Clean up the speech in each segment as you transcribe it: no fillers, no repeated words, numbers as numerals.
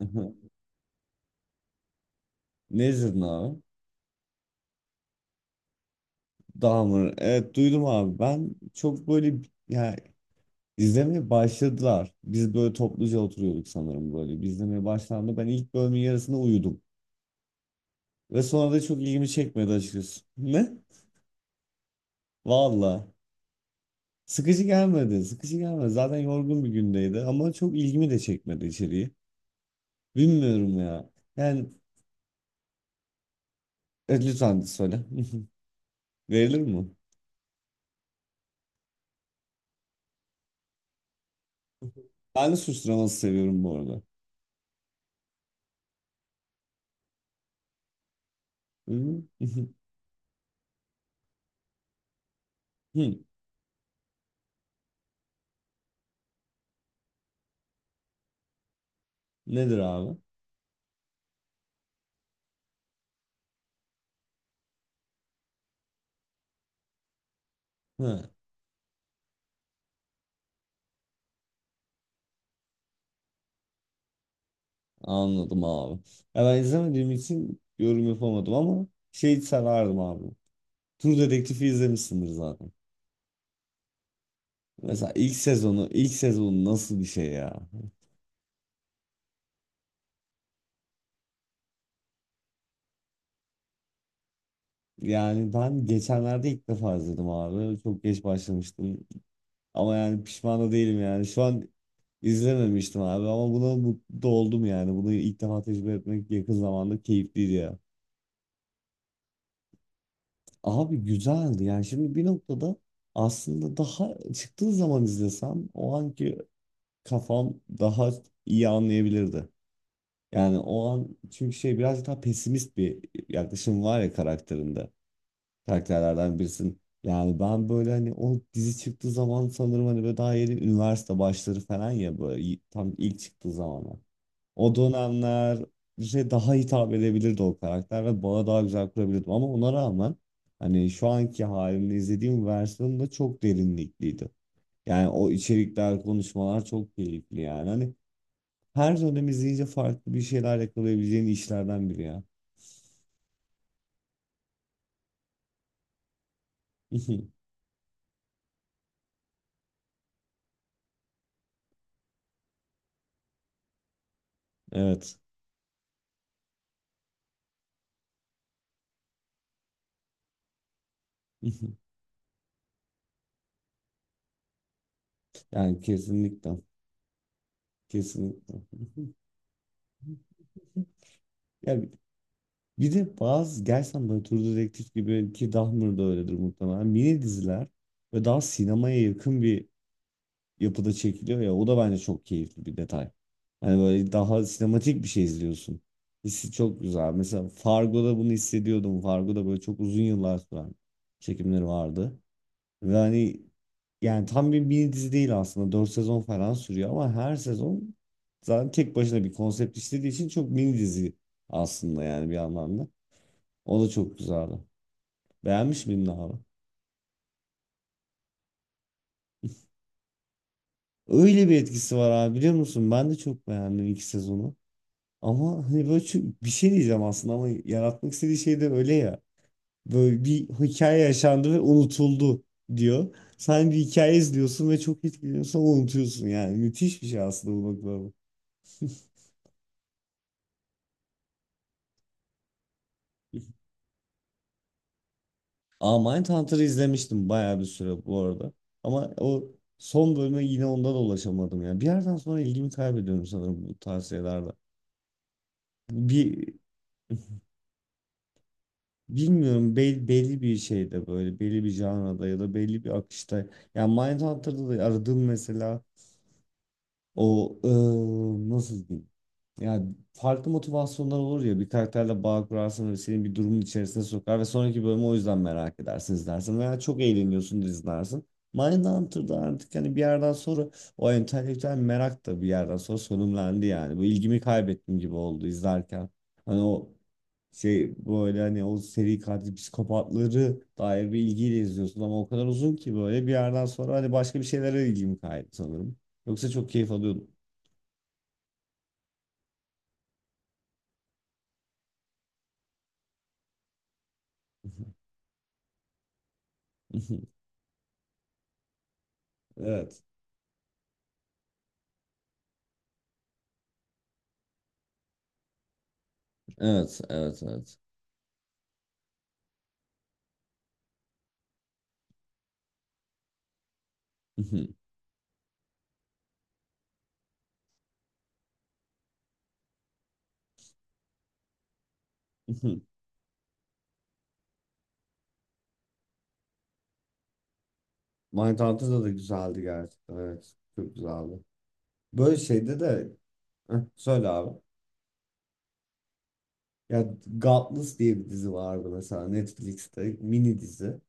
Hı. Ne izledin abi? Dahmer. Evet, duydum abi. Ben çok böyle yani izlemeye başladılar. Biz böyle topluca oturuyorduk sanırım böyle. Biz izlemeye başlandı. Ben ilk bölümün yarısında uyudum. Ve sonra da çok ilgimi çekmedi açıkçası. Ne? Valla. Sıkıcı gelmedi. Sıkıcı gelmedi. Zaten yorgun bir gündeydi ama çok ilgimi de çekmedi içeriği. Bilmiyorum ya. Yani lütfen söyle. Verilir mi? Ben de suçlamayı seviyorum bu arada. Hı. Hı. Hı. Nedir abi? Hı. Anladım abi. Ya ben izlemediğim için yorum yapamadım ama şey severdim abi. Tur Dedektifi izlemişsindir zaten. Mesela ilk sezonu, ilk sezonu nasıl bir şey ya? Yani ben geçenlerde ilk defa izledim abi. Çok geç başlamıştım. Ama yani pişman da değilim yani. Şu an izlememiştim abi ama buna mutlu oldum yani. Bunu ilk defa tecrübe etmek yakın zamanda keyifliydi ya. Abi güzeldi yani şimdi bir noktada aslında daha çıktığı zaman izlesem o anki kafam daha iyi anlayabilirdi. Yani o an çünkü şey biraz daha pesimist bir yaklaşım var ya karakterinde. Karakterlerden birisin. Yani ben böyle hani o dizi çıktığı zaman sanırım hani böyle daha yeni üniversite başları falan ya böyle tam ilk çıktığı zamanlar. O dönemler işte daha hitap edebilirdi o karakter ve bana daha güzel kurabilirdim ama ona rağmen hani şu anki halimle izlediğim versiyonu da çok derinlikliydi. Yani o içerikler, konuşmalar çok keyifli yani. Hani her dönem izleyince farklı bir şeyler yakalayabileceğin işlerden biri ya. Evet. Yani kesinlikle. Kesinlikle. Yani bir de bazı gerçekten böyle True Detective gibi ki Dahmer da öyledir muhtemelen. Mini diziler ve daha sinemaya yakın bir yapıda çekiliyor ya o da bence çok keyifli bir detay. Hani böyle daha sinematik bir şey izliyorsun. Hissi çok güzel. Mesela Fargo'da bunu hissediyordum. Fargo'da böyle çok uzun yıllar süren çekimleri vardı. Ve hani yani tam bir mini dizi değil aslında. 4 sezon falan sürüyor ama her sezon zaten tek başına bir konsept işlediği için çok mini dizi aslında yani bir anlamda. O da çok güzeldi. Beğenmiş miydin abi? Öyle bir etkisi var abi, biliyor musun? Ben de çok beğendim ilk sezonu. Ama hani böyle çok- bir şey diyeceğim aslında ama yaratmak istediği şey de öyle ya. Böyle bir hikaye yaşandı ve unutuldu diyor. Sen bir hikaye izliyorsun ve çok etkileniyorsun ama unutuyorsun yani. Müthiş bir şey aslında bu bakıma. Aa, Mindhunter'ı izlemiştim bayağı bir süre bu arada. Ama o son bölüme yine onda da ulaşamadım ya. Bir yerden sonra ilgimi kaybediyorum sanırım bu tarz tavsiyelerde. Bir bilmiyorum belli bir şeyde böyle belli bir janrada ya da belli bir akışta. Yani Mindhunter'da da aradığım mesela o nasıl diyeyim? Yani farklı motivasyonlar olur ya bir karakterle bağ kurarsın ve seni bir durumun içerisine sokar ve sonraki bölümü o yüzden merak edersin izlersin veya çok eğleniyorsun da izlersin. Mindhunter'da artık hani bir yerden sonra o entelektüel merak da bir yerden sonra sonumlandı yani. Bu ilgimi kaybettim gibi oldu izlerken. Hani o şey böyle hani o seri katil psikopatları dair bir ilgiyle izliyorsun ama o kadar uzun ki böyle bir yerden sonra hani başka bir şeylere ilgimi kaydı sanırım. Yoksa çok keyif alıyordum. Evet. Evet, evet, evet. Mindhunter'da da güzeldi gerçekten. Evet. Çok güzeldi. Böyle şeyde de heh, söyle abi. Ya Godless diye bir dizi vardı mesela Netflix'te mini dizi.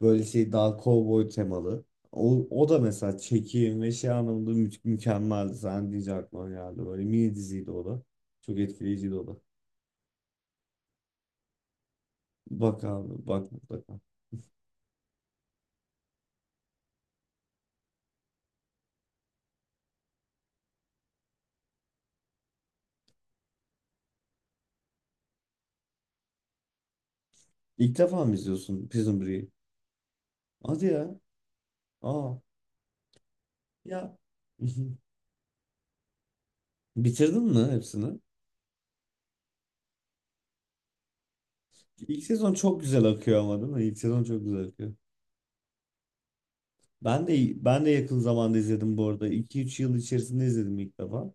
Böyle şey daha kovboy temalı. O, o da mesela çekim ve şey anlamında mükemmeldi. Sen diyecek aklıma geldi. Böyle mini diziydi o da. Çok etkileyiciydi o da. Bak abi, bak mutlaka. İlk defa mı izliyorsun Prison Break'i? Hadi ya. Aa. Ya. Bitirdin mi hepsini? İlk sezon çok güzel akıyor ama, değil mi? İlk sezon çok güzel akıyor. Ben de yakın zamanda izledim bu arada. 2-3 yıl içerisinde izledim ilk defa.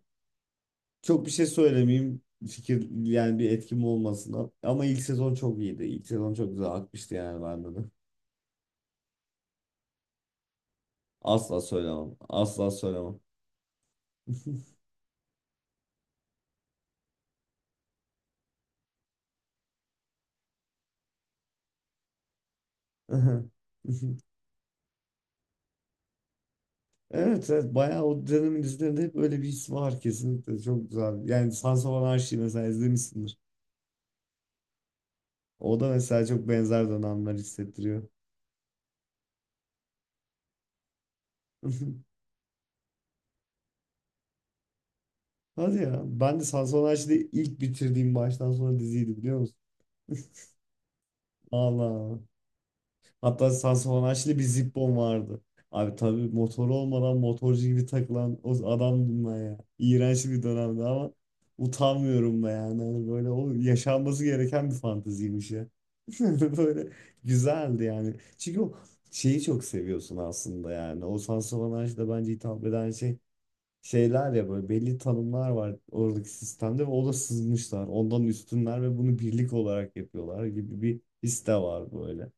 Çok bir şey söylemeyeyim. Fikir yani bir etkim olmasın. Ama ilk sezon çok iyiydi. İlk sezon çok güzel akmıştı yani bende de. Asla söylemem. Asla söylemem. Evet, evet, bayağı o dönemin dizilerinde hep öyle bir his var, kesinlikle çok güzel. Yani Sons of Anarchy mesela izlemişsindir. O da mesela çok benzer dönemler hissettiriyor. Hadi ya. Ben de Sansonaj'da ilk bitirdiğim baştan sona diziydi, biliyor musun? Allah. Hatta Sansonaj'da bir Zippon vardı. Abi tabii motor olmadan motorcu gibi takılan o adamdım ben ya. İğrenç bir dönemdi ama utanmıyorum da yani. Hani böyle o yaşanması gereken bir fanteziymiş ya. Böyle güzeldi yani. Çünkü o şeyi çok seviyorsun aslında yani. O Sansonaj'da bence hitap eden şey şeyler ya böyle belli tanımlar var oradaki sistemde ve o da sızmışlar. Ondan üstünler ve bunu birlik olarak yapıyorlar gibi bir his de var böyle.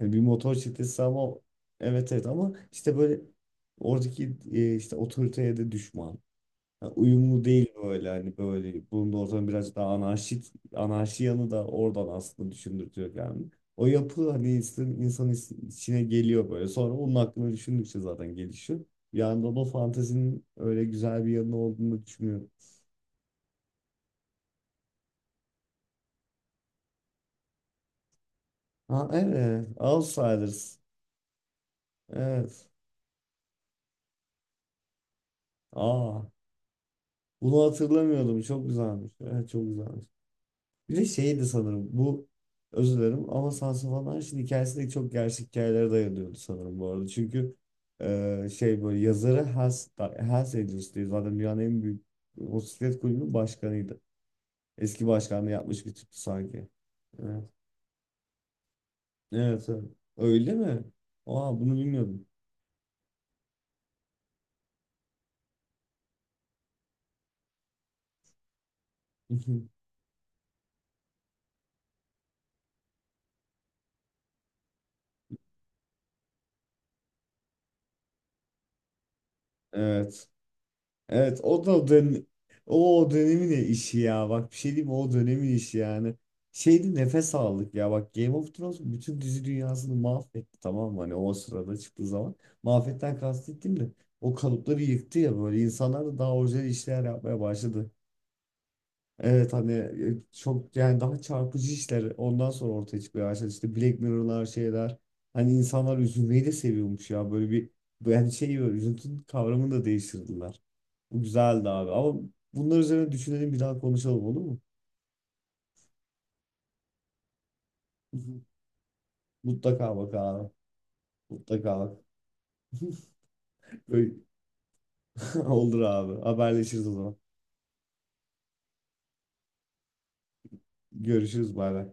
Yani bir motor çetesi ama evet, evet, ama işte böyle oradaki işte otoriteye de düşman. Ha, uyumlu değil böyle hani böyle bulunduğu ortam biraz daha anarşik anarşi yanı da oradan aslında düşündürtüyor yani. O yapı hani insan içine geliyor böyle. Sonra onun hakkında düşündükçe zaten gelişiyor. Bir yandan o fantezinin öyle güzel bir yanı olduğunu düşünüyorum. Ha, evet. Outsiders. Evet. Aa. Bunu hatırlamıyordum. Çok güzelmiş. Evet, çok güzelmiş. Bir de şeydi sanırım bu özür dilerim ama Sansa van Anşin hikayesi de çok gerçek hikayelere dayanıyordu sanırım bu arada. Çünkü şey böyle yazarı Hells Angels diye zaten dünyanın en büyük motosiklet kulübünün başkanıydı. Eski başkanlığı yapmış bir tipti sanki. Evet. Evet, evet. Öyle mi? Aa, bunu bilmiyordum. Evet. Evet o da o dönemin işi ya, bak bir şey diyeyim mi? O dönemin işi yani. Şeydi nefes aldık ya bak, Game of Thrones bütün dizi dünyasını mahvetti, tamam mı, hani o sırada çıktığı zaman. Mahvetten kastettim de o kalıpları yıktı ya böyle, insanlar da daha orijinal işler yapmaya başladı. Evet hani çok yani daha çarpıcı işler ondan sonra ortaya çıkmaya başladı işte Black Mirror'lar şeyler. Hani insanlar üzülmeyi de seviyormuş ya böyle bir yani şey böyle üzüntünün kavramını da değiştirdiler. Bu güzeldi abi. Ama bunlar üzerine düşünelim bir daha konuşalım, olur mu? Hı hı. Mutlaka bak abi. Mutlaka bak. Böyle- Olur abi. Haberleşiriz o zaman. Görüşürüz. Bay bay.